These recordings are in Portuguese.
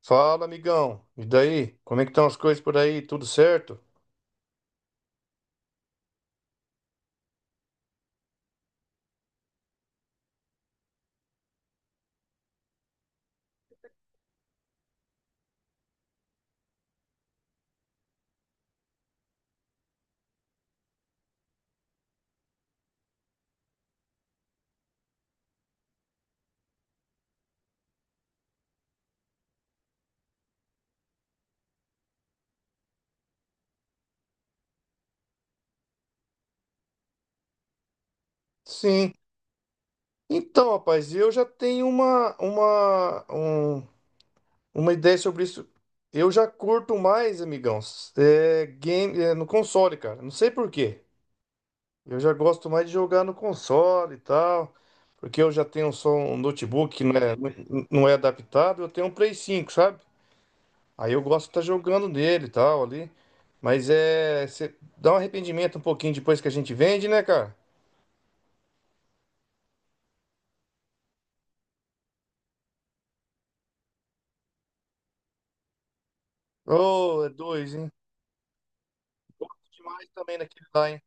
Fala, amigão. E daí? Como é que estão as coisas por aí? Tudo certo? Sim. Então, rapaz, eu já tenho uma ideia sobre isso. Eu já curto mais, amigão, game, no console, cara. Não sei por quê. Eu já gosto mais de jogar no console e tal, porque eu já tenho só um notebook que não é adaptado. Eu tenho um Play 5, sabe? Aí eu gosto de estar jogando nele e tal ali. Mas é. Cê dá um arrependimento um pouquinho depois que a gente vende, né, cara? Ô, é dois, hein? Demais também naquele lá, hein?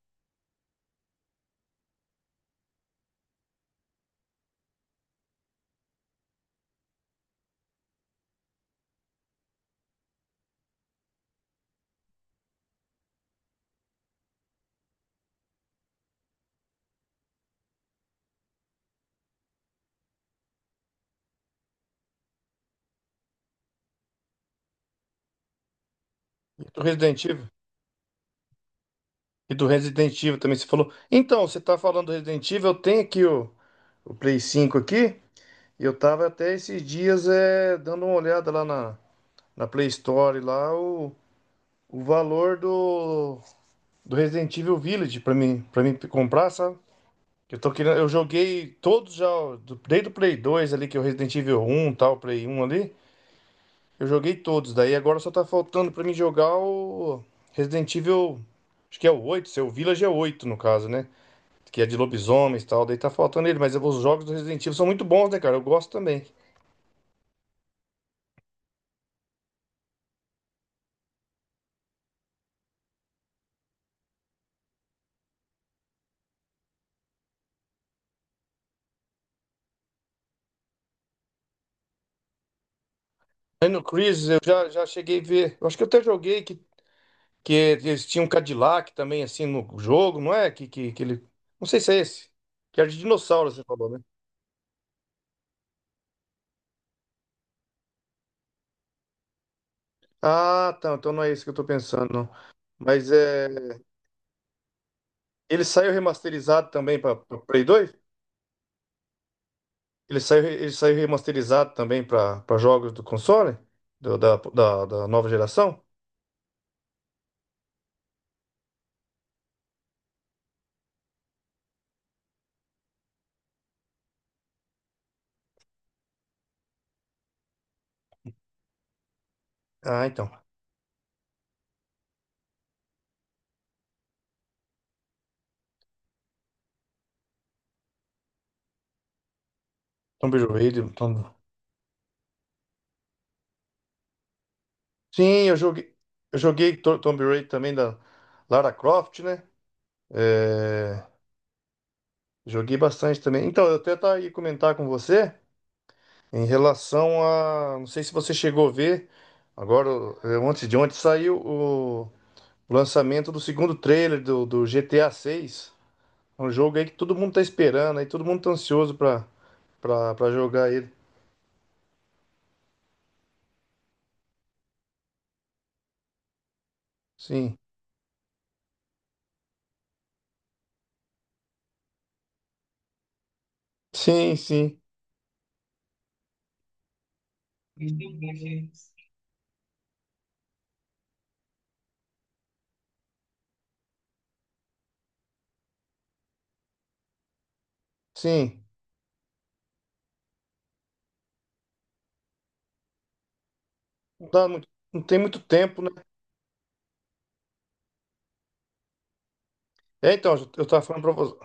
E do Resident Evil. E do Resident Evil também, você falou. Então, você tá falando do Resident Evil, eu tenho aqui o Play 5 aqui. E eu tava até esses dias dando uma olhada lá na Play Store, lá o valor do Resident Evil Village pra mim comprar, sabe? Eu tô querendo, eu joguei todos já, desde o Play 2 ali, que é o Resident Evil 1, tal, Play 1 ali, eu joguei todos. Daí agora só tá faltando pra mim jogar o Resident Evil, acho que é o 8 seu Village é o 8 no caso, né? Que é de lobisomens e tal, daí tá faltando ele, mas os jogos do Resident Evil são muito bons, né, cara? Eu gosto também. Aí no Chris eu já cheguei a ver, eu acho que eu até joguei que eles tinham um Cadillac também, assim, no jogo, não é? Que ele, não sei se é esse, que era de dinossauro, você falou, né? Ah, tá. Então não é isso que eu tô pensando. Não. Mas é. Ele saiu remasterizado também para Play 2? Ele saiu remasterizado também para jogos do console? Da nova geração? Ah, então. Tomb Raider. Sim, eu joguei. Eu joguei Tomb Raider também da Lara Croft, né? É, joguei bastante também. Então, eu até tá aí comentar com você em relação a. Não sei se você chegou a ver. Agora, ontem de ontem saiu o. O lançamento do segundo trailer do GTA 6. É um jogo aí que todo mundo tá esperando, aí todo mundo tá ansioso pra jogar ele. Sim. Sim, sim. Sim. Não tem muito tempo, né? É, então, eu tava falando pra você.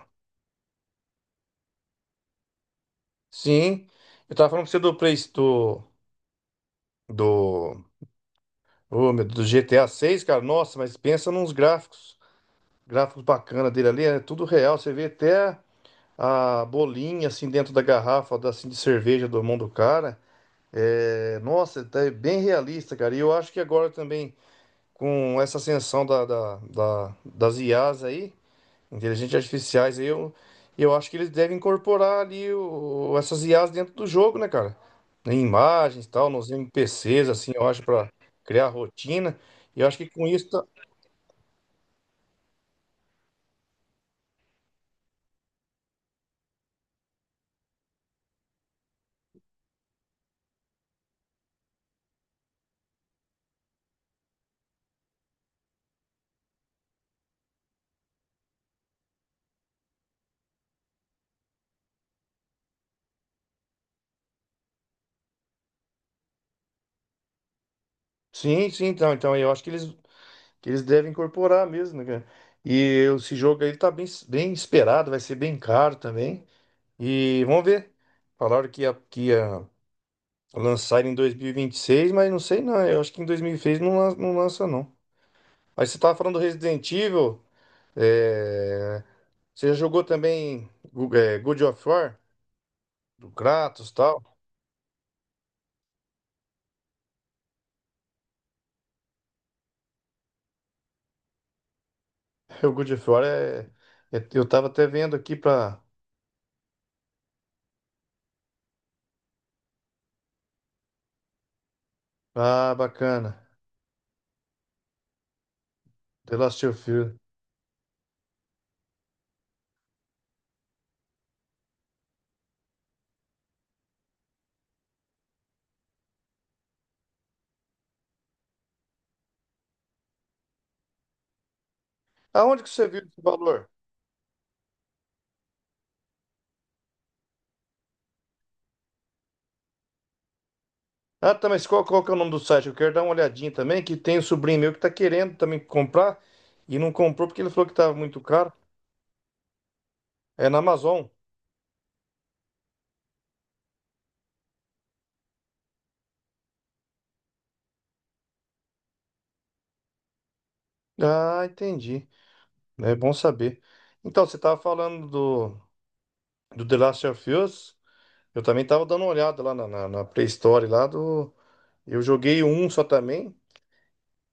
Sim. Eu tava falando pra você do Play do. Do. Ô, meu, do GTA 6, cara. Nossa, mas pensa nos gráficos. Gráficos bacana dele ali. É tudo real. Você vê até a bolinha assim dentro da garrafa assim, de cerveja do mão do cara. É, nossa, tá bem realista, cara. E eu acho que agora também, com essa ascensão das IAs aí, inteligentes artificiais, aí, eu acho que eles devem incorporar ali essas IAs dentro do jogo, né, cara? Em imagens e tal, nos NPCs, assim, eu acho, pra criar rotina. E eu acho que com isso. Sim, sim, então eu acho que que eles devem incorporar mesmo, né, cara? E esse jogo aí tá bem, bem esperado, vai ser bem caro também. E vamos ver. Falaram que ia lançar em dois mil e vinte e seis mas não sei não. Eu acho que em 2026 não, não lança, não. Aí você tava falando do Resident Evil. é, Você já jogou também God of War? Do Kratos e tal? O God of War é. Eu tava até vendo aqui pra. Ah, bacana. The Last of Us. Aonde que você viu esse valor? Ah, tá, mas qual que é o nome do site? Eu quero dar uma olhadinha também, que tem um sobrinho meu que tá querendo também comprar e não comprou porque ele falou que tava muito caro. É na Amazon. Ah, entendi. É bom saber. Então, você estava falando do The Last of Us. Eu também estava dando uma olhada lá na pré-história lá do. Eu joguei um só também.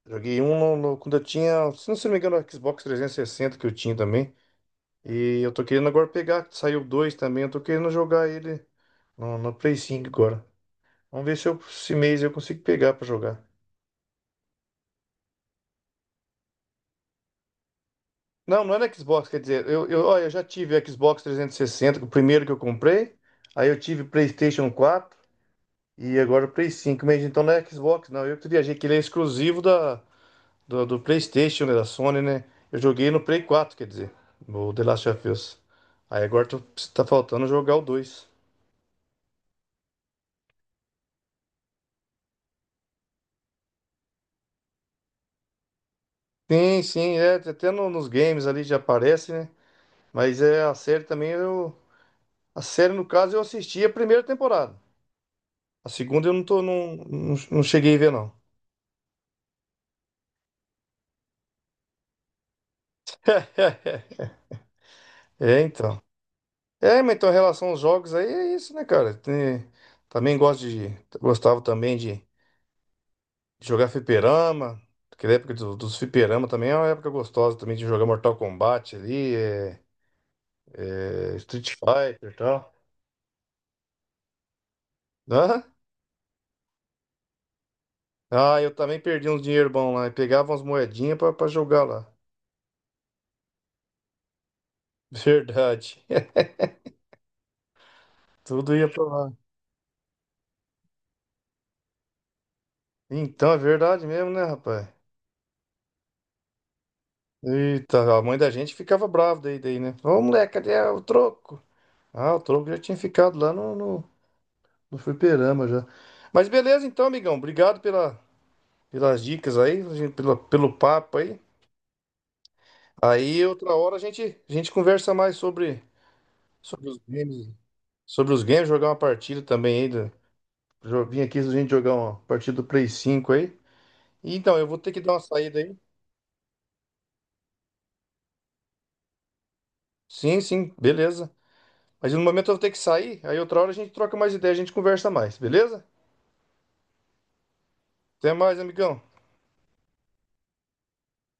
Joguei um quando eu tinha, se não me engano, o Xbox 360 que eu tinha também. E eu tô querendo agora pegar, saiu dois também. Eu tô querendo jogar ele no Play 5 agora. Vamos ver se eu, esse mês eu consigo pegar para jogar. Não, não é no Xbox, quer dizer, ó, eu já tive Xbox 360, que é o primeiro que eu comprei, aí eu tive PlayStation 4 e agora o Play 5 mas então não é Xbox, não, eu que viajei, que ele é exclusivo do PlayStation, né, da Sony, né, eu joguei no Play 4, quer dizer, o The Last of Us, aí agora tá faltando jogar o 2. Sim, sim, é, até nos games ali já aparece, né, mas é a série também, a série no caso eu assisti a primeira temporada, a segunda eu não cheguei a ver não. É, então. É, mas então, em relação aos jogos aí, é isso, né, cara? Também gosto de. Gostava também de jogar fliperama. Aquela época dos fliperama também é uma época gostosa também de jogar Mortal Kombat ali, Street Fighter e tal. Hã? Ah, eu também perdi uns dinheiro bom lá, e pegava umas moedinhas pra jogar lá. Verdade. Tudo ia pra lá. Então, é verdade mesmo, né, rapaz? Eita, a mãe da gente ficava brava daí, né? Ô, moleque, cadê o troco? Ah, o tronco já tinha ficado lá no fliperama já. Mas beleza então, amigão. Obrigado pelas dicas aí, pelo papo aí. Aí outra hora a gente conversa mais sobre os games. Sobre os games, jogar uma partida também aí. Vim aqui a gente jogar uma partida do Play 5 aí. E, então, eu vou ter que dar uma saída aí. Sim, sim, beleza. Mas no momento eu vou ter que sair, aí outra hora a gente troca mais ideia, a gente conversa mais, beleza? Até mais, amigão.